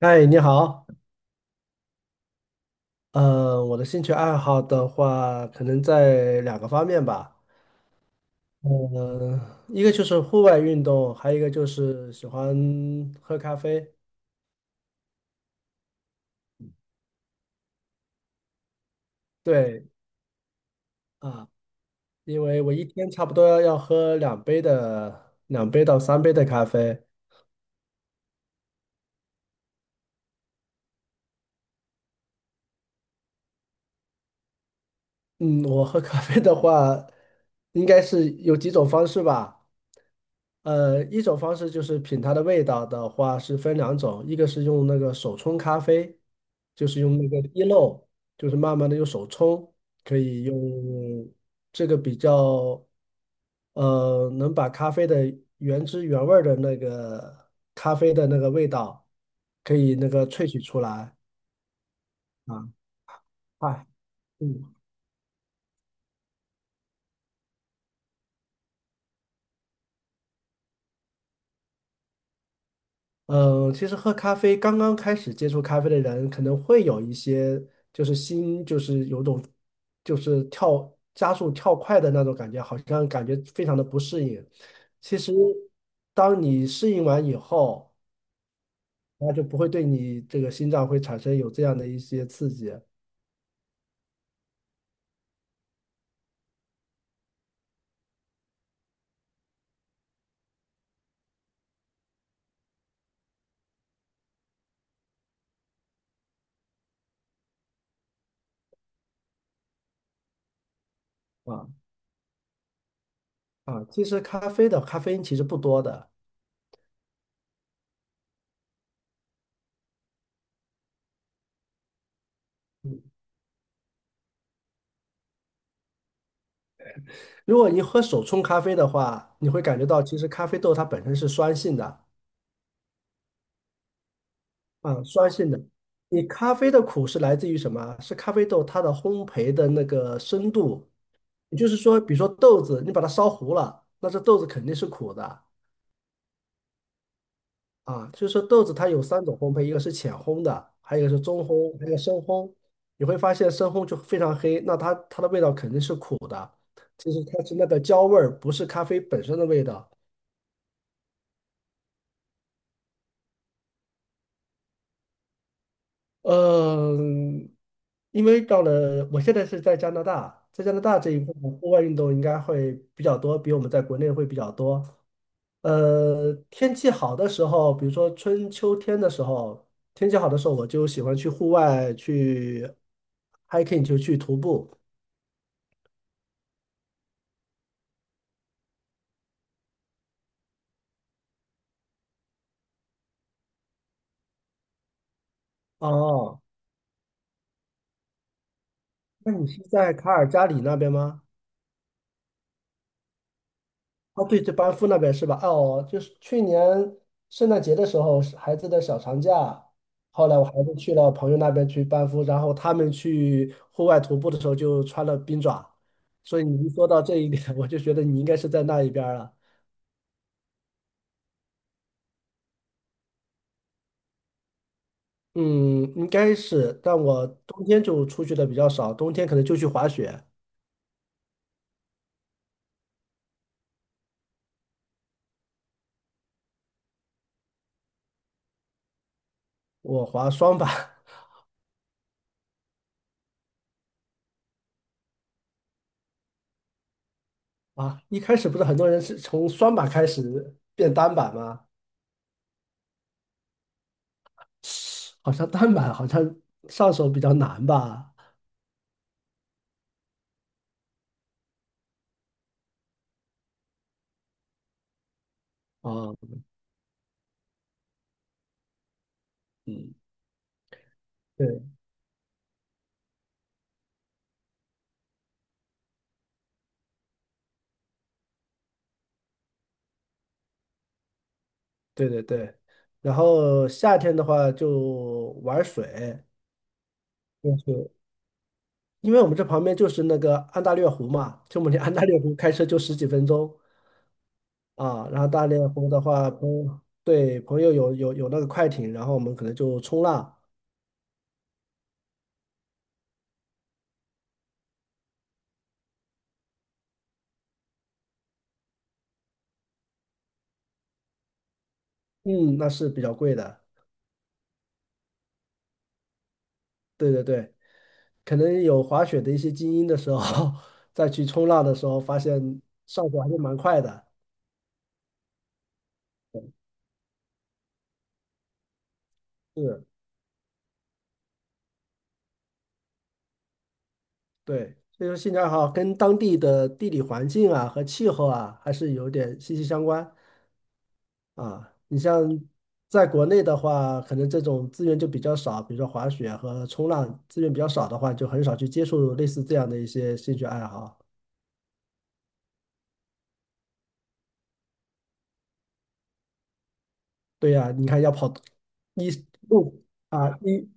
嗨，你好。我的兴趣爱好的话，可能在两个方面吧。呃，一个就是户外运动，还有一个就是喜欢喝咖啡。对啊，因为我一天差不多要喝两杯的，2杯到3杯的咖啡。嗯，我喝咖啡的话，应该是有几种方式吧。一种方式就是品它的味道的话是分两种，一个是用那个手冲咖啡，就是用那个滴漏，就是慢慢的用手冲，可以用这个比较，能把咖啡的原汁原味儿的那个咖啡的那个味道，可以那个萃取出来啊，哎，嗯。嗯，其实喝咖啡，刚刚开始接触咖啡的人，可能会有一些就是心，就是有种就是跳加速跳快的那种感觉，好像感觉非常的不适应。其实，当你适应完以后，那就不会对你这个心脏会产生有这样的一些刺激啊。其实咖啡的咖啡因其实不多的，如果你喝手冲咖啡的话，你会感觉到其实咖啡豆它本身是酸性的。啊，酸性的。你咖啡的苦是来自于什么啊，是咖啡豆它的烘焙的那个深度，也就是说，比如说豆子，你把它烧糊了，那这豆子肯定是苦的啊。就是说豆子它有三种烘焙，一个是浅烘的，还有一个是中烘，还有一个深烘。你会发现深烘就非常黑，那它的味道肯定是苦的。其实它是那个焦味儿，不是咖啡本身的味道。嗯，因为到了我现在是在加拿大，在加拿大这一部分户外运动应该会比较多，比我们在国内会比较多。天气好的时候，比如说春秋天的时候，天气好的时候，我就喜欢去户外去 hiking，就去徒步。哦，那你是在卡尔加里那边吗？哦，对，就班夫那边是吧？啊哦，就是去年圣诞节的时候，是孩子的小长假，后来我孩子去了朋友那边去班夫，然后他们去户外徒步的时候就穿了冰爪，所以你一说到这一点，我就觉得你应该是在那一边儿了。嗯，应该是，但我冬天就出去的比较少，冬天可能就去滑雪，我滑双板。 啊。一开始不是很多人是从双板开始变单板吗？好像单板好像上手比较难吧。啊，嗯，对对对对，然后夏天的话就玩水，就是因为我们这旁边就是那个安大略湖嘛，就我们离安大略湖开车就十几分钟啊。然后大略湖的话，朋友对朋友有那个快艇，然后我们可能就冲浪，嗯，那是比较贵的。对对对，可能有滑雪的一些精英的时候，再去冲浪的时候，发现上手还是蛮快的。是，对，所以说兴趣爱好跟当地的地理环境啊和气候啊还是有点息息相关啊。你像在国内的话，可能这种资源就比较少，比如说滑雪和冲浪资源比较少的话，就很少去接触类似这样的一些兴趣爱好。对呀，你看要跑一路啊，一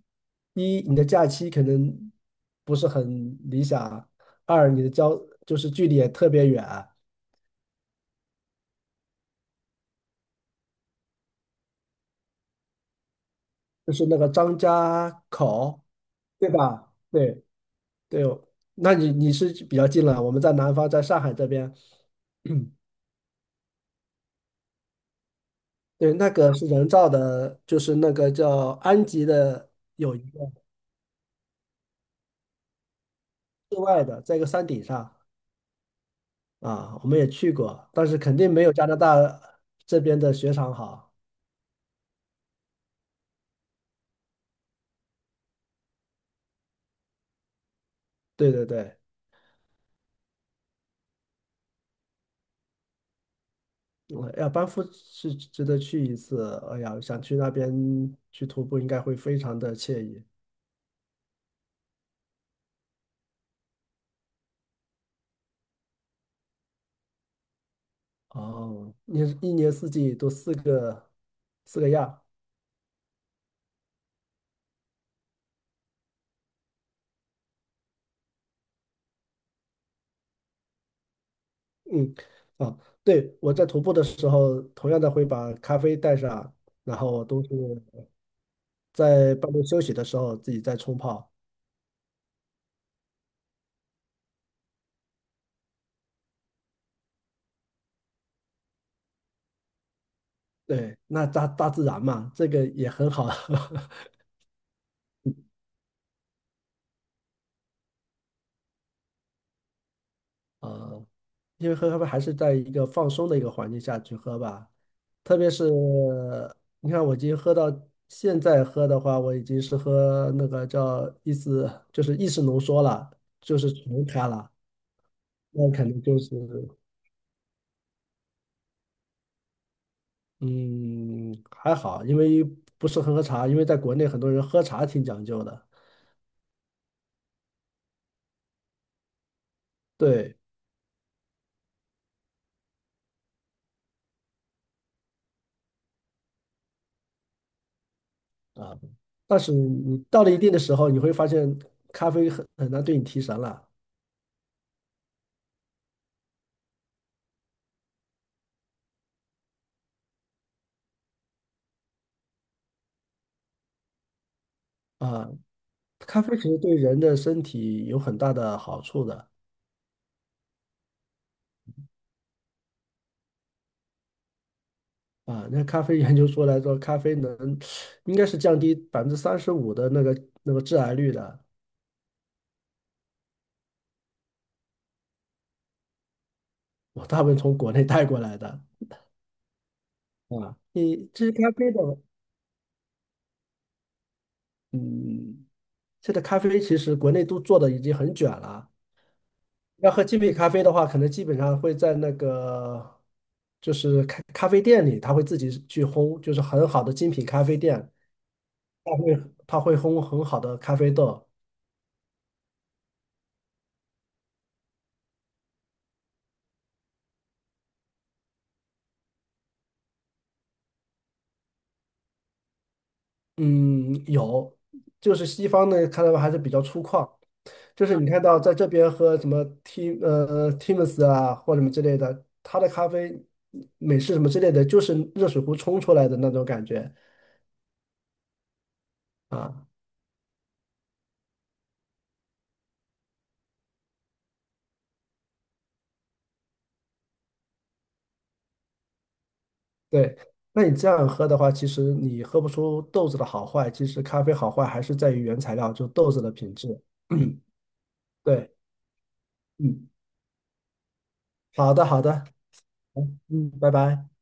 一你的假期可能不是很理想，二你的交就是距离也特别远。就是那个张家口，对吧？对对，那你是比较近了，我们在南方，在上海这边。对，那个是人造的，就是那个叫安吉的，有一个室外的，在一个山顶上啊，我们也去过，但是肯定没有加拿大这边的雪场好。对对对，嗯要班夫是值得去一次，哎呀，想去那边去徒步，应该会非常的惬意。哦，你一年四季都四个样，嗯，啊，对，我在徒步的时候，同样的会把咖啡带上，然后我都是在半路休息的时候自己再冲泡。对，那大自然嘛，这个也很好。呃，因为喝咖啡还是在一个放松的一个环境下去喝吧，特别是你看，我已经喝到现在喝的话，我已经是喝那个叫意思就是意识浓缩了，就是纯咖了。那肯定就是嗯还好，因为不是很喝茶，因为在国内很多人喝茶挺讲究的。对，但是你到了一定的时候，你会发现咖啡很难对你提神了。啊，咖啡其实对人的身体有很大的好处的啊。那咖啡研究出来说，咖啡能应该是降低35%的那个致癌率的。我大部分从国内带过来的。 啊。你这咖啡的，嗯，现在咖啡其实国内都做的已经很卷了。要喝精品咖啡的话，可能基本上会在那个就是咖啡店里，他会自己去烘，就是很好的精品咖啡店，他会烘很好的咖啡豆。嗯，有，就是西方呢，看到还是比较粗犷，就是你看到在这边喝什么 Tims 啊或者什么之类的，它的咖啡美式什么之类的，就是热水壶冲出来的那种感觉啊。对，那你这样喝的话，其实你喝不出豆子的好坏，其实咖啡好坏还是在于原材料，就豆子的品质。对，嗯，好的，好的，嗯，拜拜。